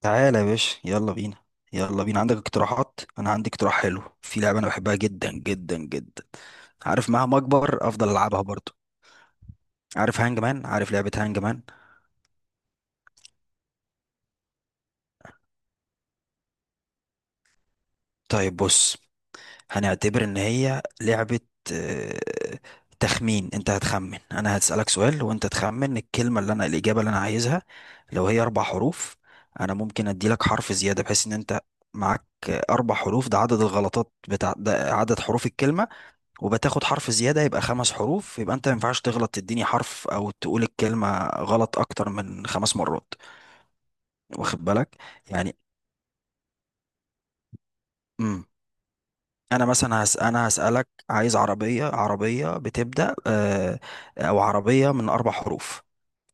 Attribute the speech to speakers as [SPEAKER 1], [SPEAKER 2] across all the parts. [SPEAKER 1] تعالى يا باشا، يلا بينا. يلا بينا، عندك اقتراحات؟ انا عندي اقتراح حلو في لعبه انا بحبها جدا جدا جدا. عارف مهما اكبر افضل العبها برضو. عارف هانج مان؟ عارف لعبه هانج مان؟ طيب بص، هنعتبر ان هي لعبه آه، تخمين. انت هتخمن، انا هسالك سؤال وانت تخمن الكلمه اللي انا الاجابه اللي انا عايزها. لو هي 4 حروف انا ممكن ادي لك حرف زياده بحيث ان انت معاك اربع حروف، ده عدد الغلطات ده عدد حروف الكلمه، وبتاخد حرف زيادة يبقى خمس حروف، يبقى انت ما ينفعش تغلط تديني حرف او تقول الكلمة غلط اكتر من 5 مرات. واخد بالك؟ يعني. امم انا مثلا هس... انا هسألك عايز عربية، عربية بتبدأ او عربية من 4 حروف.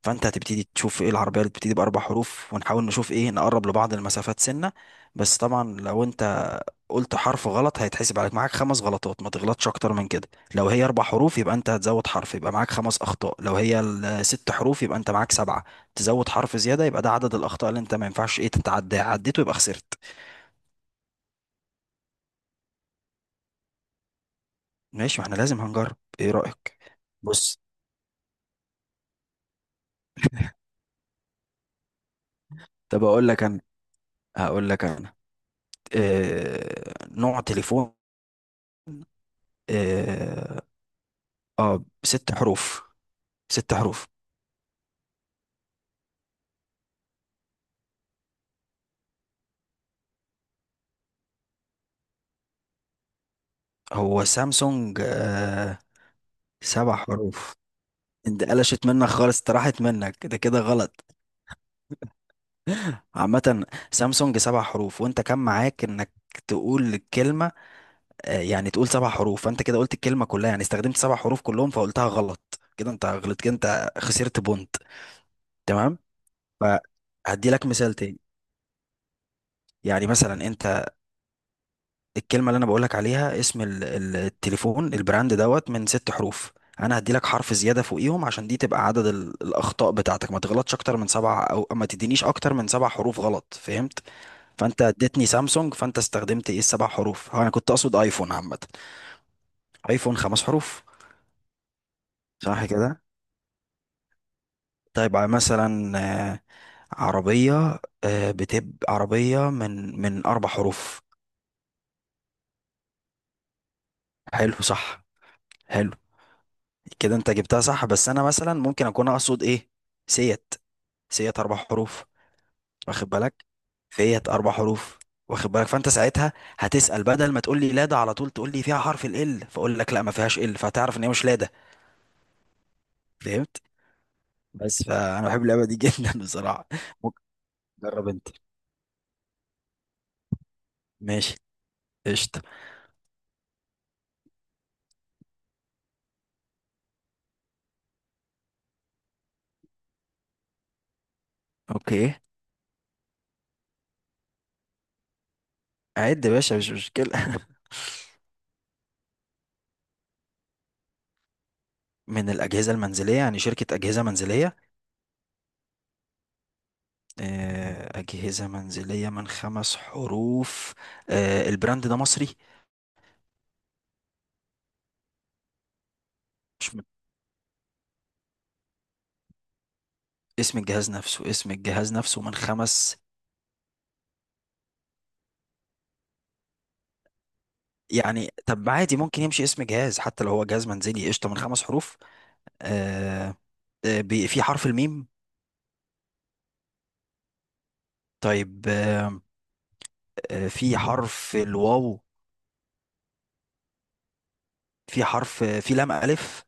[SPEAKER 1] فانت هتبتدي تشوف ايه العربيه اللي بتبتدي باربع حروف، ونحاول نشوف ايه نقرب لبعض المسافات سنه. بس طبعا لو انت قلت حرف غلط هيتحسب عليك معاك 5 غلطات، ما تغلطش اكتر من كده. لو هي اربع حروف يبقى انت هتزود حرف يبقى معاك 5 اخطاء، لو هي 6 حروف يبقى انت معاك 7. تزود حرف زياده، يبقى ده عدد الاخطاء اللي انت ما ينفعش ايه تتعدى عديته، يبقى خسرت. ماشي، ما احنا لازم هنجرب، ايه رايك؟ بص. طب اقول لك انا، هقول لك انا نوع تليفون. اه. 6 حروف، ست حروف. هو سامسونج آه. سبع حروف، انت قلشت منك خالص، انت راحت منك، ده كده غلط. عامة، سامسونج 7 حروف، وانت كان معاك انك تقول الكلمة يعني، تقول سبع حروف، فانت كده قلت الكلمة كلها، يعني استخدمت سبع حروف كلهم فقلتها غلط. كده انت غلطت، كده انت خسرت بونت. تمام. فهدي لك مثال تاني. يعني مثلا انت، الكلمة اللي أنا بقولك عليها اسم التليفون، البراند دوت، من 6 حروف. أنا هديلك حرف زيادة فوقيهم عشان دي تبقى عدد الأخطاء بتاعتك، ما تغلطش أكتر من سبع أو ما تدينيش أكتر من 7 حروف غلط. فهمت؟ فأنت اديتني سامسونج، فأنت استخدمت إيه السبع حروف، هو أنا كنت أقصد أيفون عامة. أيفون 5 حروف. صح كده. طيب مثلا آه، عربية، بتبقى عربية من 4 حروف. حلو صح، حلو. كده انت جبتها صح، بس انا مثلا ممكن اكون اقصد ايه، سيت. سيت 4 حروف. واخد بالك فيت 4 حروف. واخد بالك؟ فانت ساعتها هتسأل بدل ما تقول لي لا ده على طول، تقول لي فيها حرف ال ال، فاقول لك لا ما فيهاش ال، فهتعرف ان هي مش لا ده. فهمت؟ بس فانا بحب اللعبه دي جدا بصراحه. ممكن تجرب انت. ماشي، قشطه. اوكي، عد يا باشا مش مشكله. من الاجهزه المنزليه، يعني شركه اجهزه منزليه. اجهزه منزليه من 5 حروف. البراند ده مصري؟ مش من. اسم الجهاز نفسه، اسم الجهاز نفسه من خمس. يعني طب عادي ممكن يمشي اسم جهاز حتى لو هو جهاز منزلي، قشطة، من 5 حروف. آه في حرف الميم؟ طيب في حرف الواو؟ في حرف في لام ألف.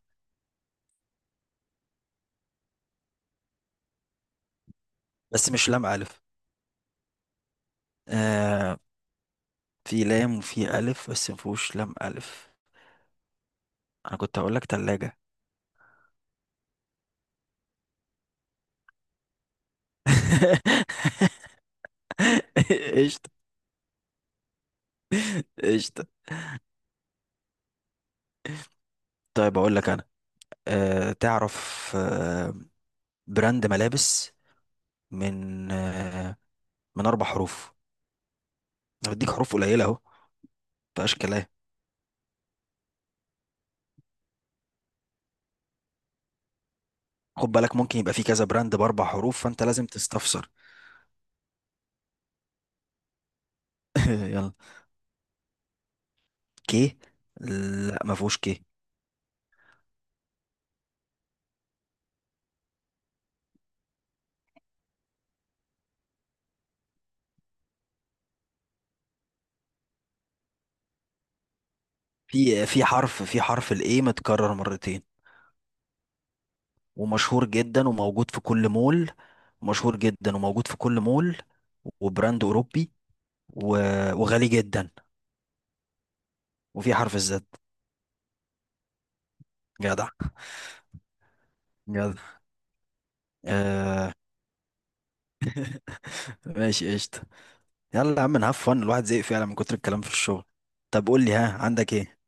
[SPEAKER 1] بس مش لام ألف. آه في لام وفي ألف بس مفهوش لام ألف. أنا كنت هقول لك تلاجة. قشطة. قشطة. طيب أقول لك أنا تعرف براند ملابس من آه، من 4 حروف. انا بديك حروف قليله اهو. مفيهاش كلام. خد بالك، ممكن يبقى في كذا براند باربع حروف، فانت لازم تستفسر. يلا. كي؟ لا ما فيهوش كي. في حرف الاي متكرر مرتين. ومشهور جدا وموجود في كل مول. مشهور جدا وموجود في كل مول. وبراند اوروبي وغالي جدا. وفي حرف الزد. جدع. جدع آه ماشي قشطة. يلا يا عم، نهاف فن، الواحد زهق فعلا من كتر الكلام في الشغل. طب قول لي، ها عندك ايه؟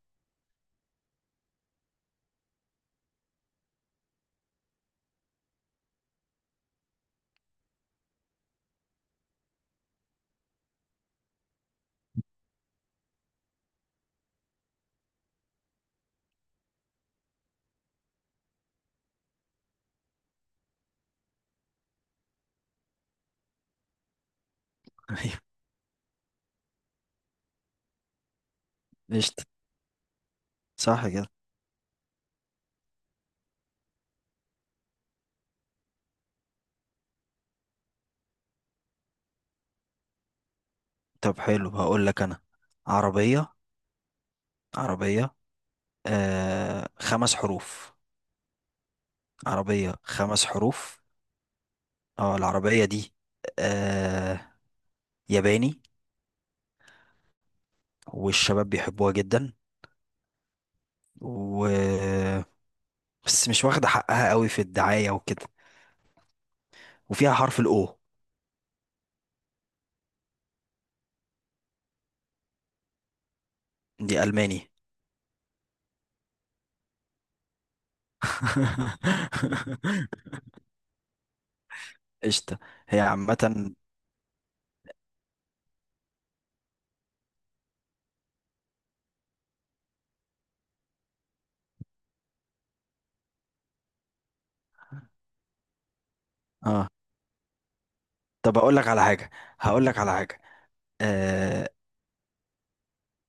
[SPEAKER 1] ايوه. قشطة صح كده. طب حلو، هقول لك انا، عربية. عربية 5 حروف. عربية 5 حروف. اه العربية دي آه ياباني، والشباب بيحبوها جدا، و بس مش واخدة حقها قوي في الدعاية وكده. وفيها حرف الاو. دي ألماني. قشطة. هي عامة. اه طب اقول لك على حاجه هقول لك على حاجه. أه،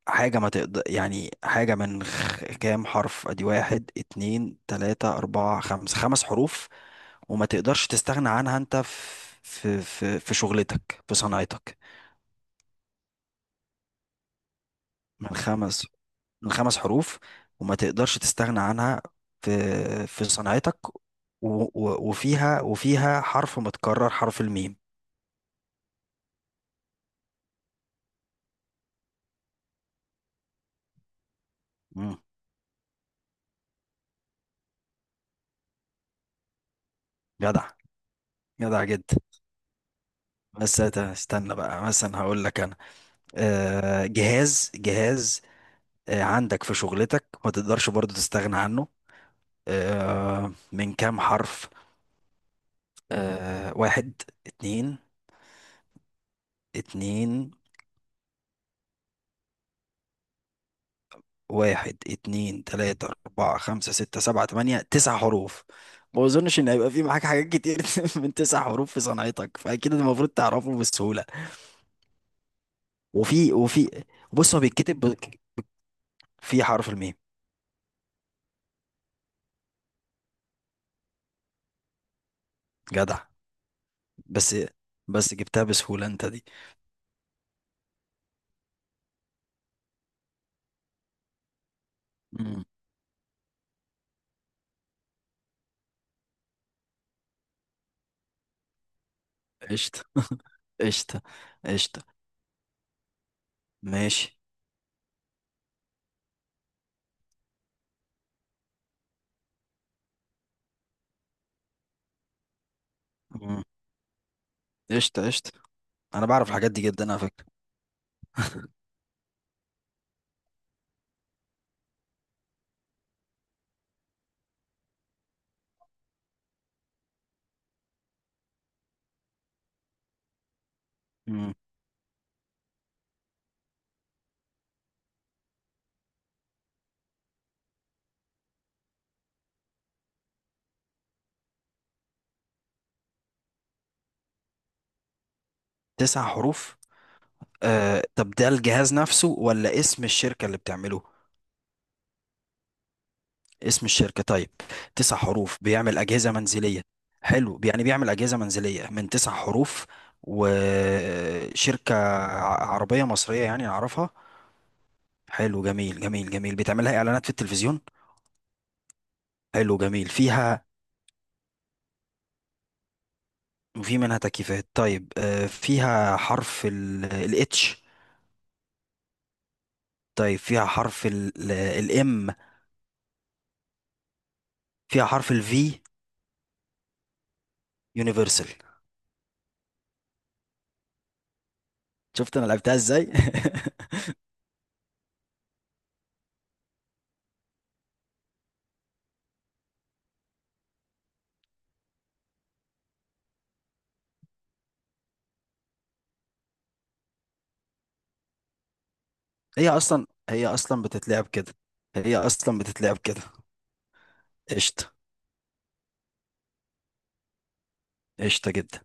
[SPEAKER 1] حاجه ما تقدر يعني، حاجه من كام حرف، ادي واحد اتنين تلاته اربعه خمسه 5 حروف. وما تقدرش تستغنى عنها انت في شغلتك، في صناعتك. من خمس من 5 حروف، وما تقدرش تستغنى عنها في في صناعتك. و... و... وفيها وفيها حرف متكرر، حرف الميم. مم. جدع. جدع جدا. بس استنى بقى، مثلا هقول لك جهاز، عندك في شغلتك ما تقدرش برضو تستغنى عنه، من كام حرف. واحد اتنين اتنين. واحد اتنين تلاتة أربعة خمسة ستة سبعة تمانية 9 حروف. ما أظنش إن هيبقى في معاك حاجات كتير. من 9 حروف في صنعتك، فأكيد المفروض تعرفه بسهولة. وفي بص، هو بيتكتب في حرف الميم. جدع. بس بس جبتها بسهولة أنت دي. مم. قشطة قشطة قشطة. ماشي. مم. قشطة قشطة. أنا بعرف الحاجات دي جدا على فكرة. مم. 9 حروف طب ده الجهاز نفسه ولا اسم الشركة اللي بتعمله؟ اسم الشركة. طيب، 9 حروف بيعمل أجهزة منزلية. حلو، يعني بيعمل أجهزة منزلية من 9 حروف، وشركة عربية مصرية يعني أعرفها. حلو، جميل جميل جميل، بتعملها إعلانات في التلفزيون. حلو جميل، فيها. وفي منها تكييفات. طيب فيها حرف الاتش؟ طيب فيها حرف الام؟ فيها حرف الفي؟ يونيفرسال. شفت انا لعبتها ازاي هي اصلا بتتلعب كده. هي اصلا بتتلعب كده. قشطه، قشطه جدا.